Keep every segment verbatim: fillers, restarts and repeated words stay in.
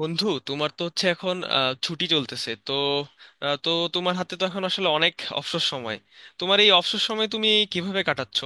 বন্ধু তোমার তো হচ্ছে এখন আহ, ছুটি চলতেছে তো। আহ, তো তোমার হাতে তো এখন আসলে অনেক অবসর সময়। তোমার এই অবসর সময় তুমি কিভাবে কাটাচ্ছো?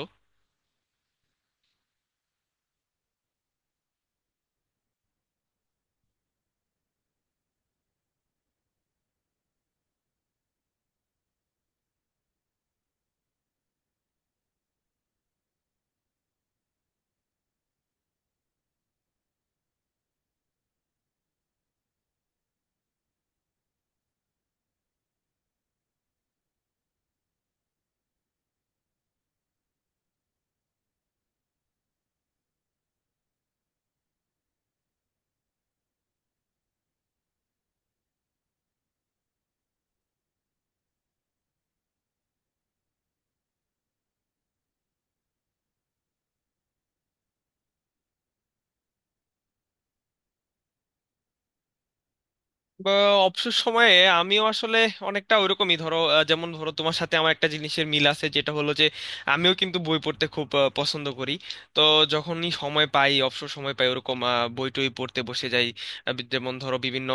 বা অবসর সময়ে আমিও আসলে অনেকটা ওইরকমই ধরো, আহ, যেমন ধরো তোমার সাথে আমার একটা জিনিসের মিল আছে, যেটা হলো যে আমিও কিন্তু বই পড়তে খুব আহ, পছন্দ করি। তো যখনই সময় পাই, অবসর সময় পাই, ওরকম আহ, বই টই পড়তে বসে যাই। আহ, বি- যেমন ধরো বিভিন্ন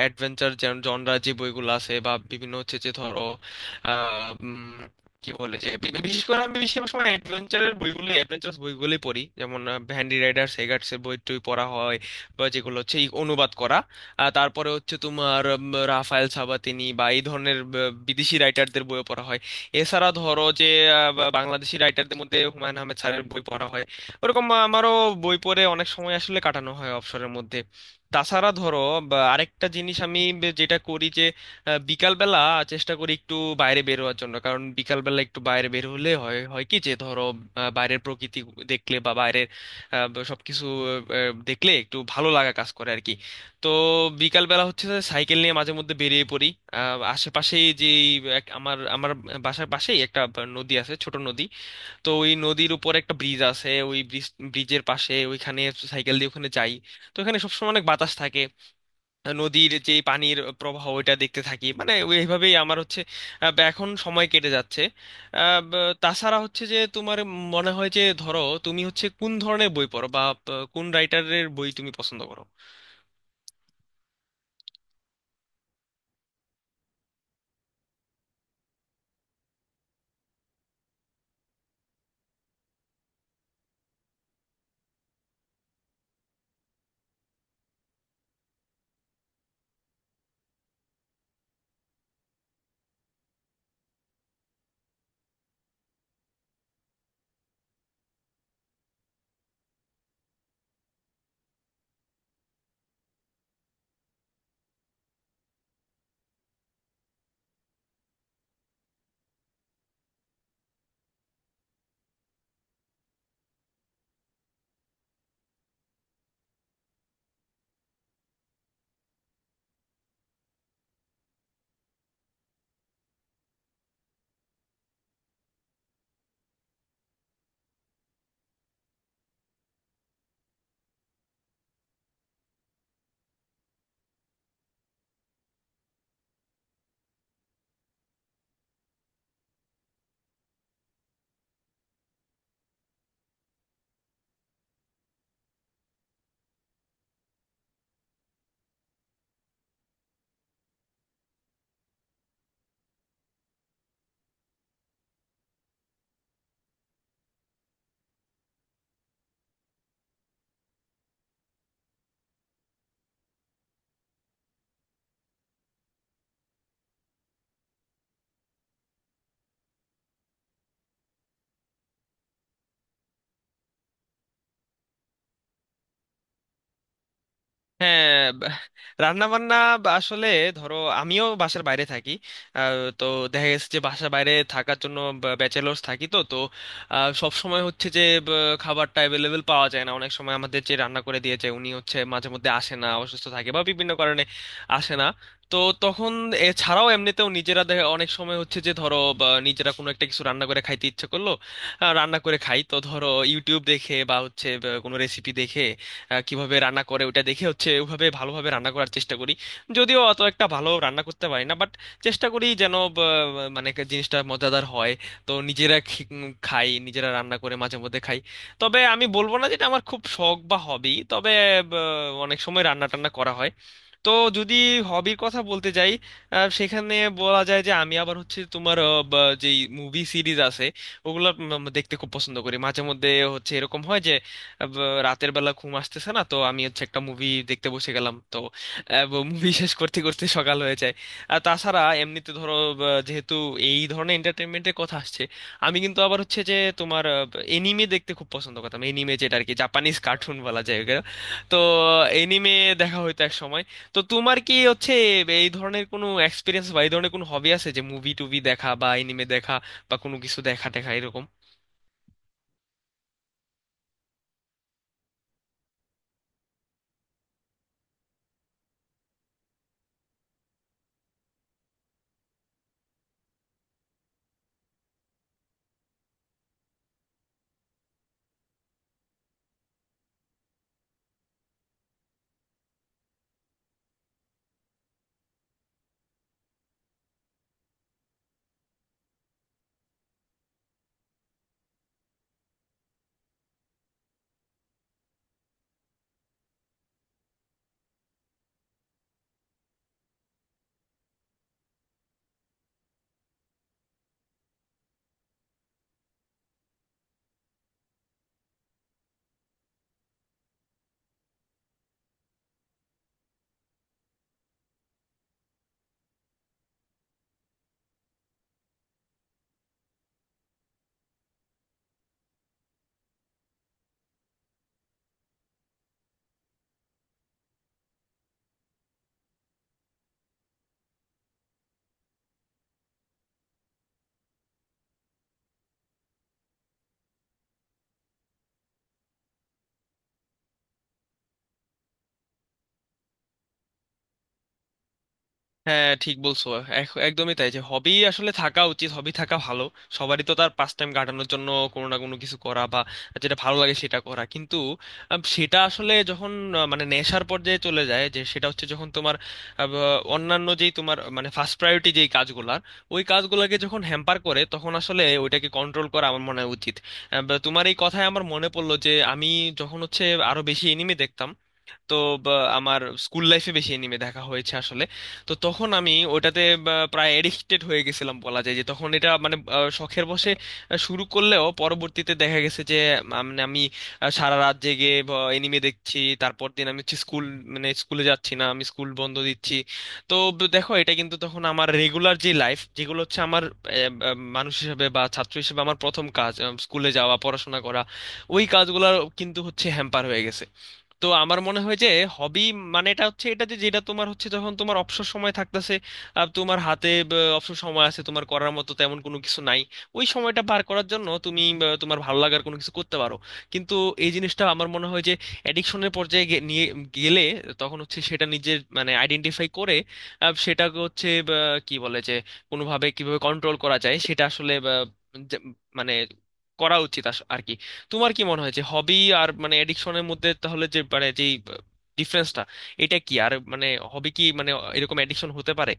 অ্যাডভেঞ্চার জনরা যে বইগুলো আছে, বা বিভিন্ন হচ্ছে যে ধরো আহ, উম, কি বলে যে বি- বিশেষ করে আমি বেশিরভাগ সময় অ্যাডভেঞ্চারের বইগুলো, অ্যাডভেঞ্চারাস বইগুলোই পড়ি, যেমন হ্যান্ডি রাইডার সেগার্টসের বই টই পড়া হয়, বা যেগুলো হচ্ছে ই- অনুবাদ করা। আহ, তারপরে হচ্ছে তোমার উম, রাফায়েল সাবাতিনি বা এই ধরনের ব- বিদেশি রাইটারদের বই পড়া হয়। এছাড়া ধরো যে আহ, বা- বাংলাদেশি রাইটারদের মধ্যে হুমায়ুন আহমেদ স্যারের বই পড়া হয়। ওরকম আমারও বই পড়ে অনেক সময় আসলে কাটানো হয় অবসরের মধ্যে। তাছাড়া ধরো, বা আরেকটা জিনিস আমি বে- যেটা করি যে আহ, বিকালবেলা চেষ্টা করি একটু বাইরে বের হওয়ার জন্য, কারণ বিকালবেলা একটু বাইরে বের হলে হয় হয় কি যে ধরো আহ, বাইরের প্রকৃতি দেখলে বা বাইরের আহ, সবকিছু আহ, দেখলে একটু ভালো লাগা কাজ করে আর কি। তো বিকাল বেলা হচ্ছে যে সাইকেল নিয়ে মাঝে মধ্যে বেরিয়ে পড়ি। আহ, আশেপাশেই যে এই এক- আমার আমার বাসার পাশেই একটা নদী আছে, ছোট নদী। তো ওই নদীর উপর একটা ব্রিজ আছে, ওই ব্রিজ, ব্রিজের পাশে ওইখানে সাইকেল দিয়ে ওখানে যাই। তো ওখানে সবসময় অনেক বাতাস থাকে, নদীর যে পানির প্রবাহ ওইটা দেখতে থাকি, মানে এইভাবেই আমার হচ্ছে আহ, বা এখন সময় কেটে যাচ্ছে। আহ, ব- তাছাড়া হচ্ছে যে তোমার মনে হয় যে ধরো তুমি হচ্ছে কোন ধরনের বই পড়ো, বা আহ, কোন রাইটারের বই তুমি পছন্দ করো? হ্যাঁ, রান্না বান্না আসলে ধরো আমিও বাসার বাইরে থাকি। আহ, তো দেখা গেছে যে বাসার বাইরে থাকার জন্য, ব্যাচেলার্স থাকি, তো তো সব সময় হচ্ছে যে ব- খাবারটা অ্যাভেলেবেল পাওয়া যায় না। অনেক সময় আমাদের যে রান্না করে দিয়েছে, উনি হচ্ছে মাঝে মধ্যে আসে না, অসুস্থ থাকে বা বিভিন্ন কারণে আসে না। তো তখন এছাড়াও এমনিতেও নিজেরা দেখা অনেক সময় হচ্ছে যে ধরো বা নিজেরা কোনো একটা কিছু রান্না করে খাইতে ইচ্ছে করলো, আহ, রান্না করে খাই। তো ধরো ইউটিউব দেখে বা হচ্ছে বা কোনো রেসিপি দেখে আহ, কিভাবে রান্না করে ওটা দেখে হচ্ছে ওইভাবে ভালোভাবে রান্না করার চেষ্টা করি। যদিও অত একটা ভালো রান্না করতে পারি না, বাট চেষ্টা করি যেন ব- মানে একটা জিনিসটা মজাদার হয়। তো নিজেরা খি- উম, খাই, নিজেরা রান্না করে মাঝে মধ্যে খাই। তবে আমি বলবো না যেটা আমার খুব শখ বা হবি, তবে ব, অনেক সময় রান্না টান্না করা হয়। তো যদি হবির কথা বলতে যাই, আহ, সেখানে বলা যায় যে আমি আবার হচ্ছে তোমার আহ, বা যেই মুভি সিরিজ আছে ওগুলো উম, উম, দেখতে খুব পছন্দ করি। মাঝে মধ্যে হচ্ছে এরকম হয় যে আহ, ব- রাতের বেলা ঘুম আসতেছে না, তো আমি হচ্ছে একটা মুভি দেখতে বসে গেলাম। তো মুভি শেষ করতে করতে সকাল হয়ে যায়। আর তাছাড়া এমনিতে ধরো, বা, যেহেতু এই ধরনের এন্টারটেনমেন্টের কথা আসছে, আমি কিন্তু আবার হচ্ছে যে তোমার এনিমে দেখতে খুব পছন্দ করতাম। এনিমে যেটা আর কি জাপানিজ কার্টুন বলা যায় ওগুলো। তো এনিমে দেখা হইতো এক সময়। তো তোমার কি হচ্ছে এই ধরনের কোনো এক্সপিরিয়েন্স বা এই ধরনের কোনো হবি আছে, যে মুভি টুভি দেখা বা এনিমে দেখা বা কোনো কিছু দেখা টেখা এরকম? হ্যাঁ, ঠিক বলছো। এক- একদমই তাই, যে হবি আসলে থাকা উচিত, হবি থাকা ভালো সবারই, তো তার পাস টাইম কাটানোর জন্য কোনো না কোনো কিছু করা বা যেটা ভালো লাগে সেটা করা। কিন্তু আম, সেটা আসলে যখন আহ, মানে নেশার পর্যায়ে চলে যায়, যে সেটা হচ্ছে যখন তোমার আহ, বা- অন্যান্য যেই তোমার মানে ফার্স্ট প্রায়োরিটি যেই কাজগুলার, ওই কাজগুলোকে যখন হ্যাম্পার করে, তখন আসলে ওইটাকে কন্ট্রোল করা আমার মনে হয় উচিত। আহ, বা তোমার এই কথায় আমার মনে পড়লো যে আমি যখন হচ্ছে আরো বেশি এনিমে দেখতাম। তো বা, আমার স্কুল লাইফে বেশি এনিমে দেখা হয়েছে আসলে। তো তখন আমি ওটাতে বা, প্রায় এডিক্টেড হয়ে গেছিলাম বলা যায়, যে তখন এটা মানে আহ, শখের বশে আহ, শুরু করলেও পরবর্তীতে দেখা গেছে যে আম- মানে আমি আহ, সারা রাত জেগে এনিমে দেখছি, তারপর দিন আমি হচ্ছে স্কুল মানে স্কুলে যাচ্ছি না, আমি স্কুল বন্ধ দিচ্ছি। তো ব- দেখো এটা কিন্তু তখন আমার রেগুলার যে লাইফ, যেগুলো হচ্ছে আমার আহ, আহ, মানুষ হিসেবে বা ছাত্র হিসেবে আমার প্রথম কাজ আহ, স্কুলে যাওয়া, পড়াশোনা করা, ওই কাজগুলো কিন্তু হচ্ছে হ্যাম্পার হয়ে গেছে। তো আমার মনে হয় যে হবি মানে এটা হচ্ছে এটা যে যেটা তোমার হচ্ছে যখন তোমার অবসর সময় থাকতেছে, আর তোমার হাতে আহ, অবসর সময় আছে, তোমার করার মতো তেমন কোনো কিছু নাই, ওই সময়টা পার করার জন্য তুমি আহ, তোমার ভালো লাগার কোনো কিছু করতে পারো। কিন্তু এই জিনিসটা আমার মনে হয় যে অ্যাডিকশনের পর্যায়ে গে- নিয়ে গেলে তখন হচ্ছে সেটা নিজের মানে আইডেন্টিফাই করে আহ, সেটাকে হচ্ছে আহ, কি বলে যে কোনোভাবে কিভাবে কন্ট্রোল করা যায় সেটা আসলে আহ, যে- মানে করা উচিত আস- আর কি। তোমার কি মনে হয় যে হবি আর মানে এডিকশনের মধ্যে তাহলে যে মানে যেই ডিফারেন্সটা, এটা কি আর মানে হবি কি মানে এরকম এডিকশন হতে পারে?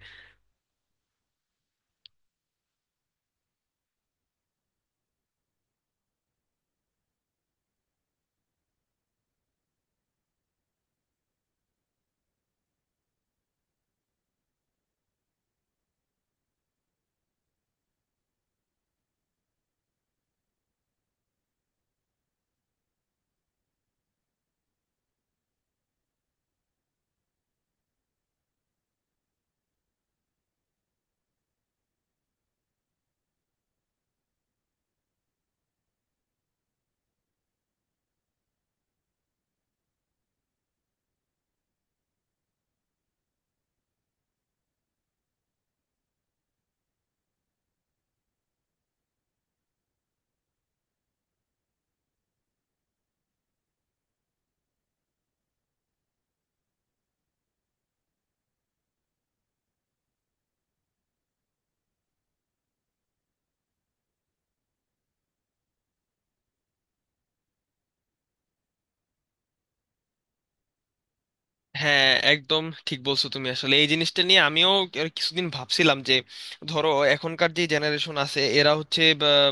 হ্যাঁ, একদম ঠিক বলছো তুমি। আসলে এই জিনিসটা নিয়ে আমিও আর কিছুদিন ভাবছিলাম যে ধরো এখনকার যে জেনারেশন আছে এরা হচ্ছে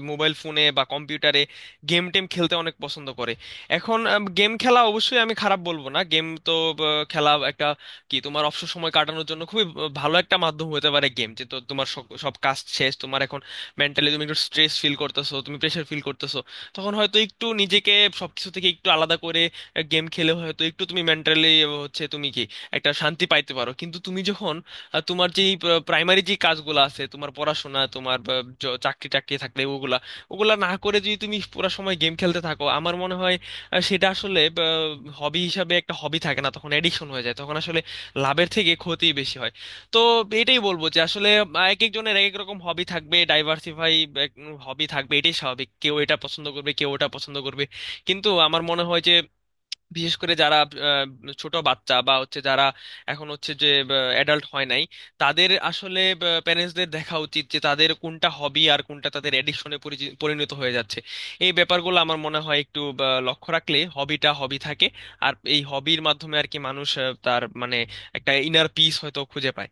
মোবাইল ফোনে বা কম্পিউটারে গেম টেম খেলতে অনেক পছন্দ করে। এখন গেম খেলা অবশ্যই আমি খারাপ বলবো না, গেম তো বা, খেলা একটা কি তোমার অবসর সময় কাটানোর জন্য খুবই আহ, ভালো একটা মাধ্যম হতে পারে গেম। যে তো তোমার সব সব কাজ শেষ, তোমার এখন মেন্টালি তুমি একটু স্ট্রেস ফিল করতেছো, তুমি প্রেশার ফিল করতেছো, তখন হয়তো একটু নিজেকে সবকিছু থেকে একটু আলাদা করে গেম খেলে হয়তো একটু তুমি মেন্টালি হচ্ছে তুমি কি একটা শান্তি পাইতে পারো। কিন্তু তুমি যখন আহ, তোমার যেই প্রাইমারি যে কাজগুলো আছে, তোমার পড়াশোনা, তোমার বা, জ- চাকরি টাকরি থাকলে ওগুলা ওগুলা না করে যদি তুমি পুরো সময় গেম খেলতে থাকো, আমার মনে হয় আহ, সেটা আসলে হবি হিসাবে একটা হবি থাকে না, তখন এডিকশন হয়ে যায়, তখন আসলে লাভের থেকে ক্ষতি বেশি হয়। তো এটাই বলবো যে আসলে আহ, এক একজনের এক এক রকম হবি থাকবে, ডাইভার্সিফাই হবি থাকবে, এটাই স্বাভাবিক। কেউ এটা পছন্দ করবে, কেউ ওটা পছন্দ করবে। কিন্তু আমার মনে হয় যে বিশেষ করে যারা আহ, ছোট বাচ্চা বা হচ্ছে যারা এখন হচ্ছে যে অ্যাডাল্ট হয় নাই, তাদের আসলে প্যারেন্টসদের দেখা উচিত যে তাদের কোনটা হবি আর কোনটা তাদের অ্যাডিকশনে পরিণত হয়ে যাচ্ছে। এই ব্যাপারগুলো আমার মনে হয় একটু বা, লক্ষ্য রাখলে হবিটা হবি থাকে। আর এই হবির মাধ্যমে আর কি মানুষ আহ, তার মানে একটা ইনার পিস হয়তো খুঁজে পায়।